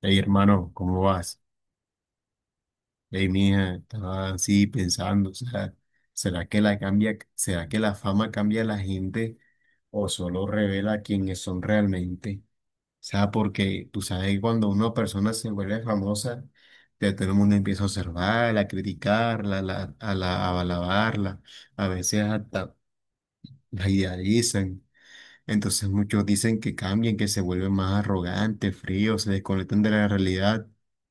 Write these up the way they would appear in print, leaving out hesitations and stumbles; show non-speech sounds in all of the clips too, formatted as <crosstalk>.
Hey, hermano, ¿cómo vas? Hey, mija, estaba así pensando, ¿será que la cambia, será que la fama cambia a la gente o solo revela quiénes son realmente? O sea, porque tú sabes que cuando una persona se vuelve famosa, ya todo el mundo empieza a observarla, a criticarla, a alabarla, a veces hasta la idealizan. Entonces muchos dicen que cambian, que se vuelven más arrogantes, fríos, se desconectan de la realidad.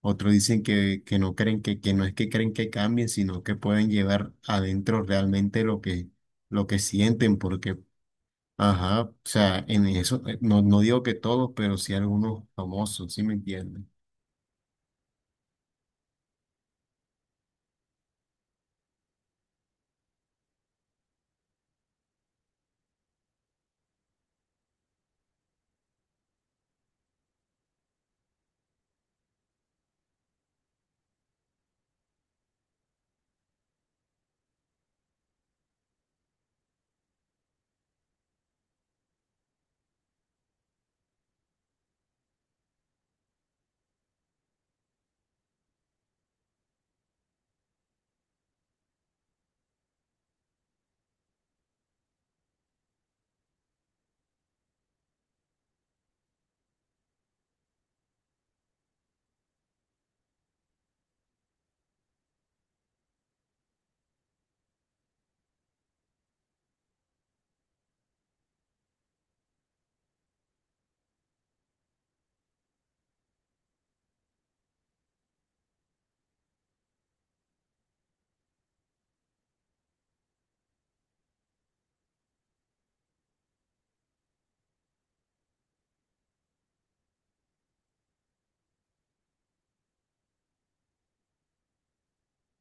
Otros dicen que no creen que no es que creen que cambien, sino que pueden llevar adentro realmente lo que sienten, porque, ajá, o sea, en eso, no digo que todos, pero sí algunos famosos, ¿sí me entienden?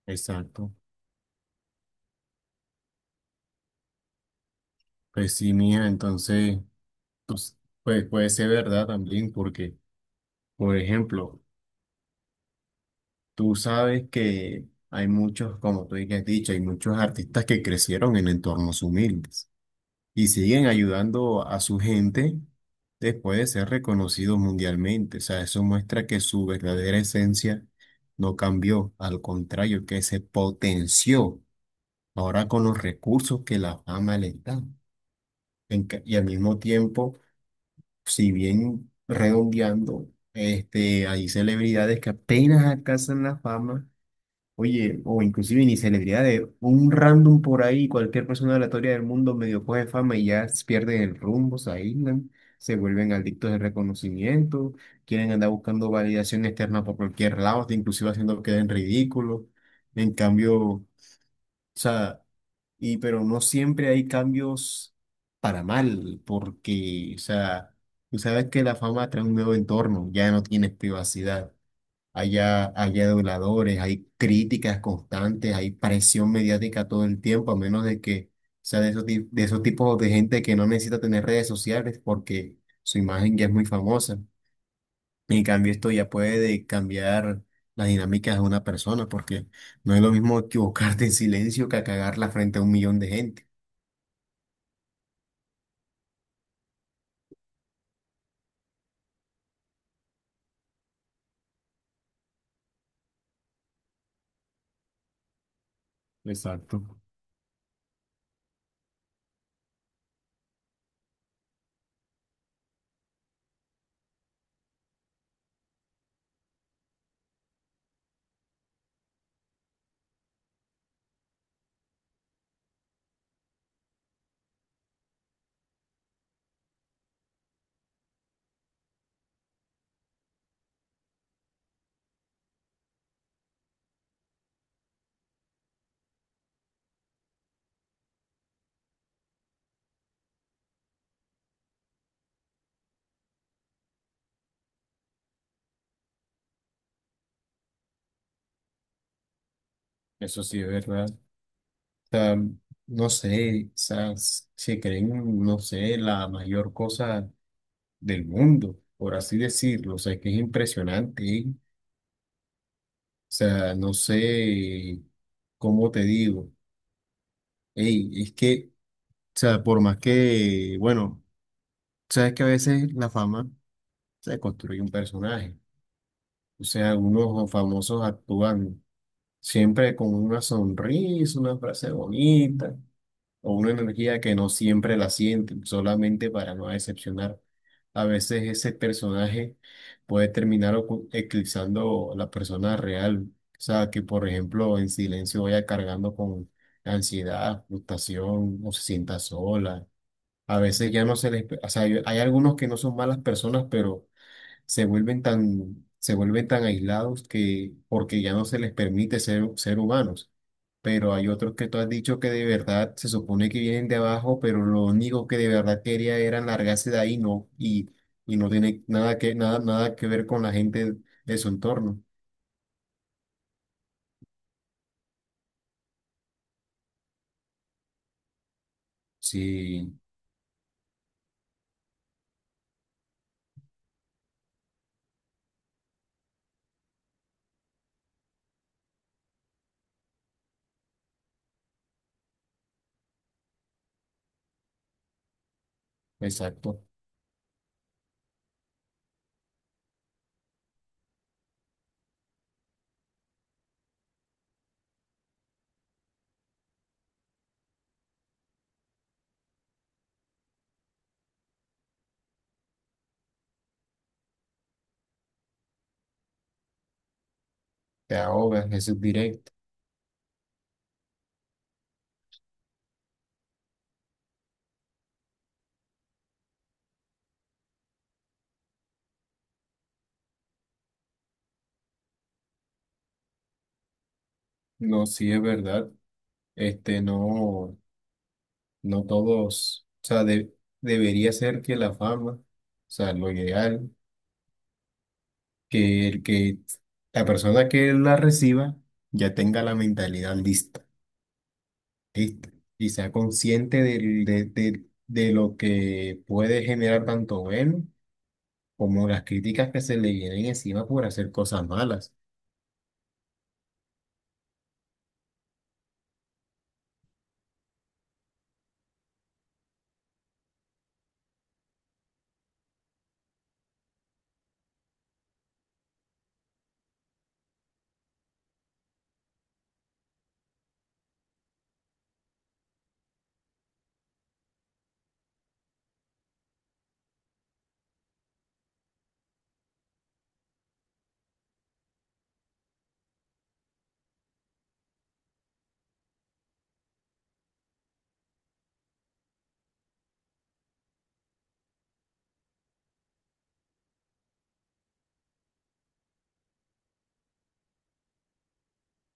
Exacto. Pues sí, mía, entonces, pues, pues puede ser verdad también, porque, por ejemplo, tú sabes que hay muchos, como tú ya has dicho, hay muchos artistas que crecieron en entornos humildes y siguen ayudando a su gente después de ser reconocidos mundialmente. O sea, eso muestra que su verdadera esencia no cambió, al contrario, que se potenció ahora con los recursos que la fama le da. Y al mismo tiempo, si bien redondeando, hay celebridades que apenas alcanzan la fama. Oye, o inclusive ni celebridades, un random por ahí, cualquier persona aleatoria del mundo medio coge fama y ya pierden el rumbo, se aíslan, se vuelven adictos de reconocimiento, quieren andar buscando validación externa por cualquier lado, hasta inclusive haciendo que queden ridículos. En cambio, o sea, y pero no siempre hay cambios para mal, porque, o sea, tú sabes que la fama trae un nuevo entorno, ya no tienes privacidad. Haya aduladores, hay críticas constantes, hay presión mediática todo el tiempo, a menos de que sea de esos, de esos tipos de gente que no necesita tener redes sociales porque su imagen ya es muy famosa. En cambio, esto ya puede cambiar las dinámicas de una persona, porque no es lo mismo equivocarte en silencio que a cagarla frente a un millón de gente. Exacto. Eso sí es verdad. O sea, no sé, se creen, no sé, la mayor cosa del mundo, por así decirlo. O sea, es que es impresionante, ¿eh? O sea, no sé cómo te digo. Ey, es que, o sea, por más que, bueno, sabes que a veces la fama se construye un personaje. O sea, algunos famosos actúan siempre con una sonrisa, una frase bonita, o una energía que no siempre la sienten, solamente para no decepcionar. A veces ese personaje puede terminar eclipsando la persona real. O sea, que por ejemplo en silencio vaya cargando con ansiedad, frustración, o se sienta sola. A veces ya no se les... O sea, hay algunos que no son malas personas, pero se vuelven tan aislados que porque ya no se les permite ser humanos. Pero hay otros que tú has dicho que de verdad se supone que vienen de abajo, pero lo único que de verdad quería era largarse de ahí, no, y no tiene nada que, nada que ver con la gente de su entorno. Sí, exacto. Te ahogas, eso es directo. No, sí es verdad. Este, no, no todos, debería ser que la fama, o sea, lo ideal, que la persona que la reciba ya tenga la mentalidad lista, y, y sea consciente de lo que puede generar tanto bueno como las críticas que se le vienen encima por hacer cosas malas.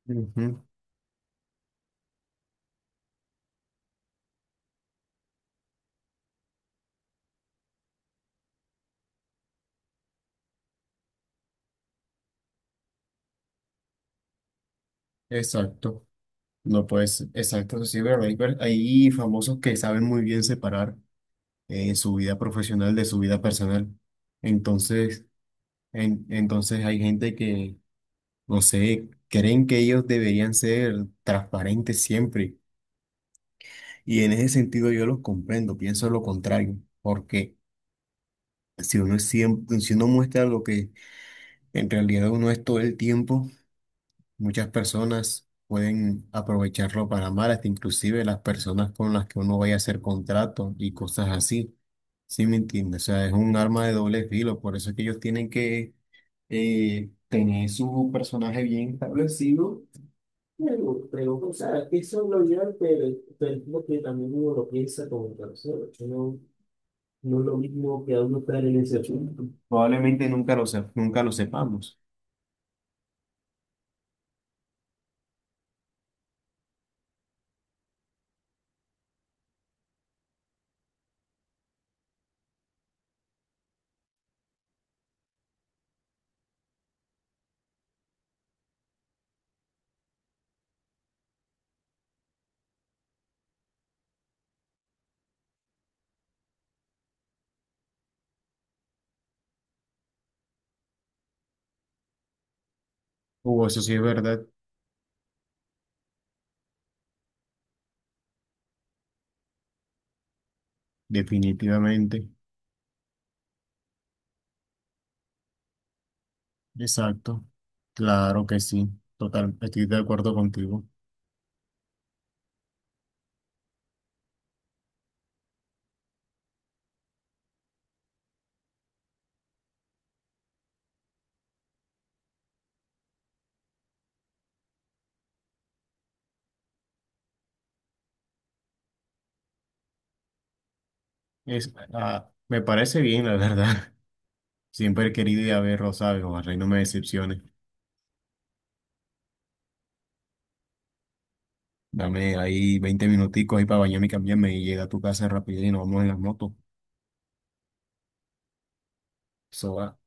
Ujú. Exacto. No, pues, exacto, eso sí, pero hay famosos que saben muy bien separar su vida profesional de su vida personal. Entonces, entonces hay gente que, no sé, creen que ellos deberían ser transparentes siempre. Y en ese sentido yo los comprendo, pienso lo contrario. ¿Por qué? Si uno muestra lo que en realidad uno es todo el tiempo, muchas personas pueden aprovecharlo para mal, hasta inclusive las personas con las que uno vaya a hacer contratos y cosas así. ¿Sí me entiendes? O sea, es un arma de doble filo, por eso es que ellos tienen que tener su personaje bien establecido. O sea, eso lo lleva, pero es lo que también uno lo piensa como persona, ¿no? No es lo mismo que a uno estar en ese asunto. Probablemente nunca lo sepamos. Eso sí es verdad, definitivamente. Exacto, claro que sí, total, estoy de acuerdo contigo. Es, ah, me parece bien, la verdad. <laughs> Siempre he querido ir a ver Rosario, ojalá y no me decepcione. Dame ahí 20 minuticos ahí para bañarme y cambiarme y llega a tu casa rápido y nos vamos en las motos. Eso va.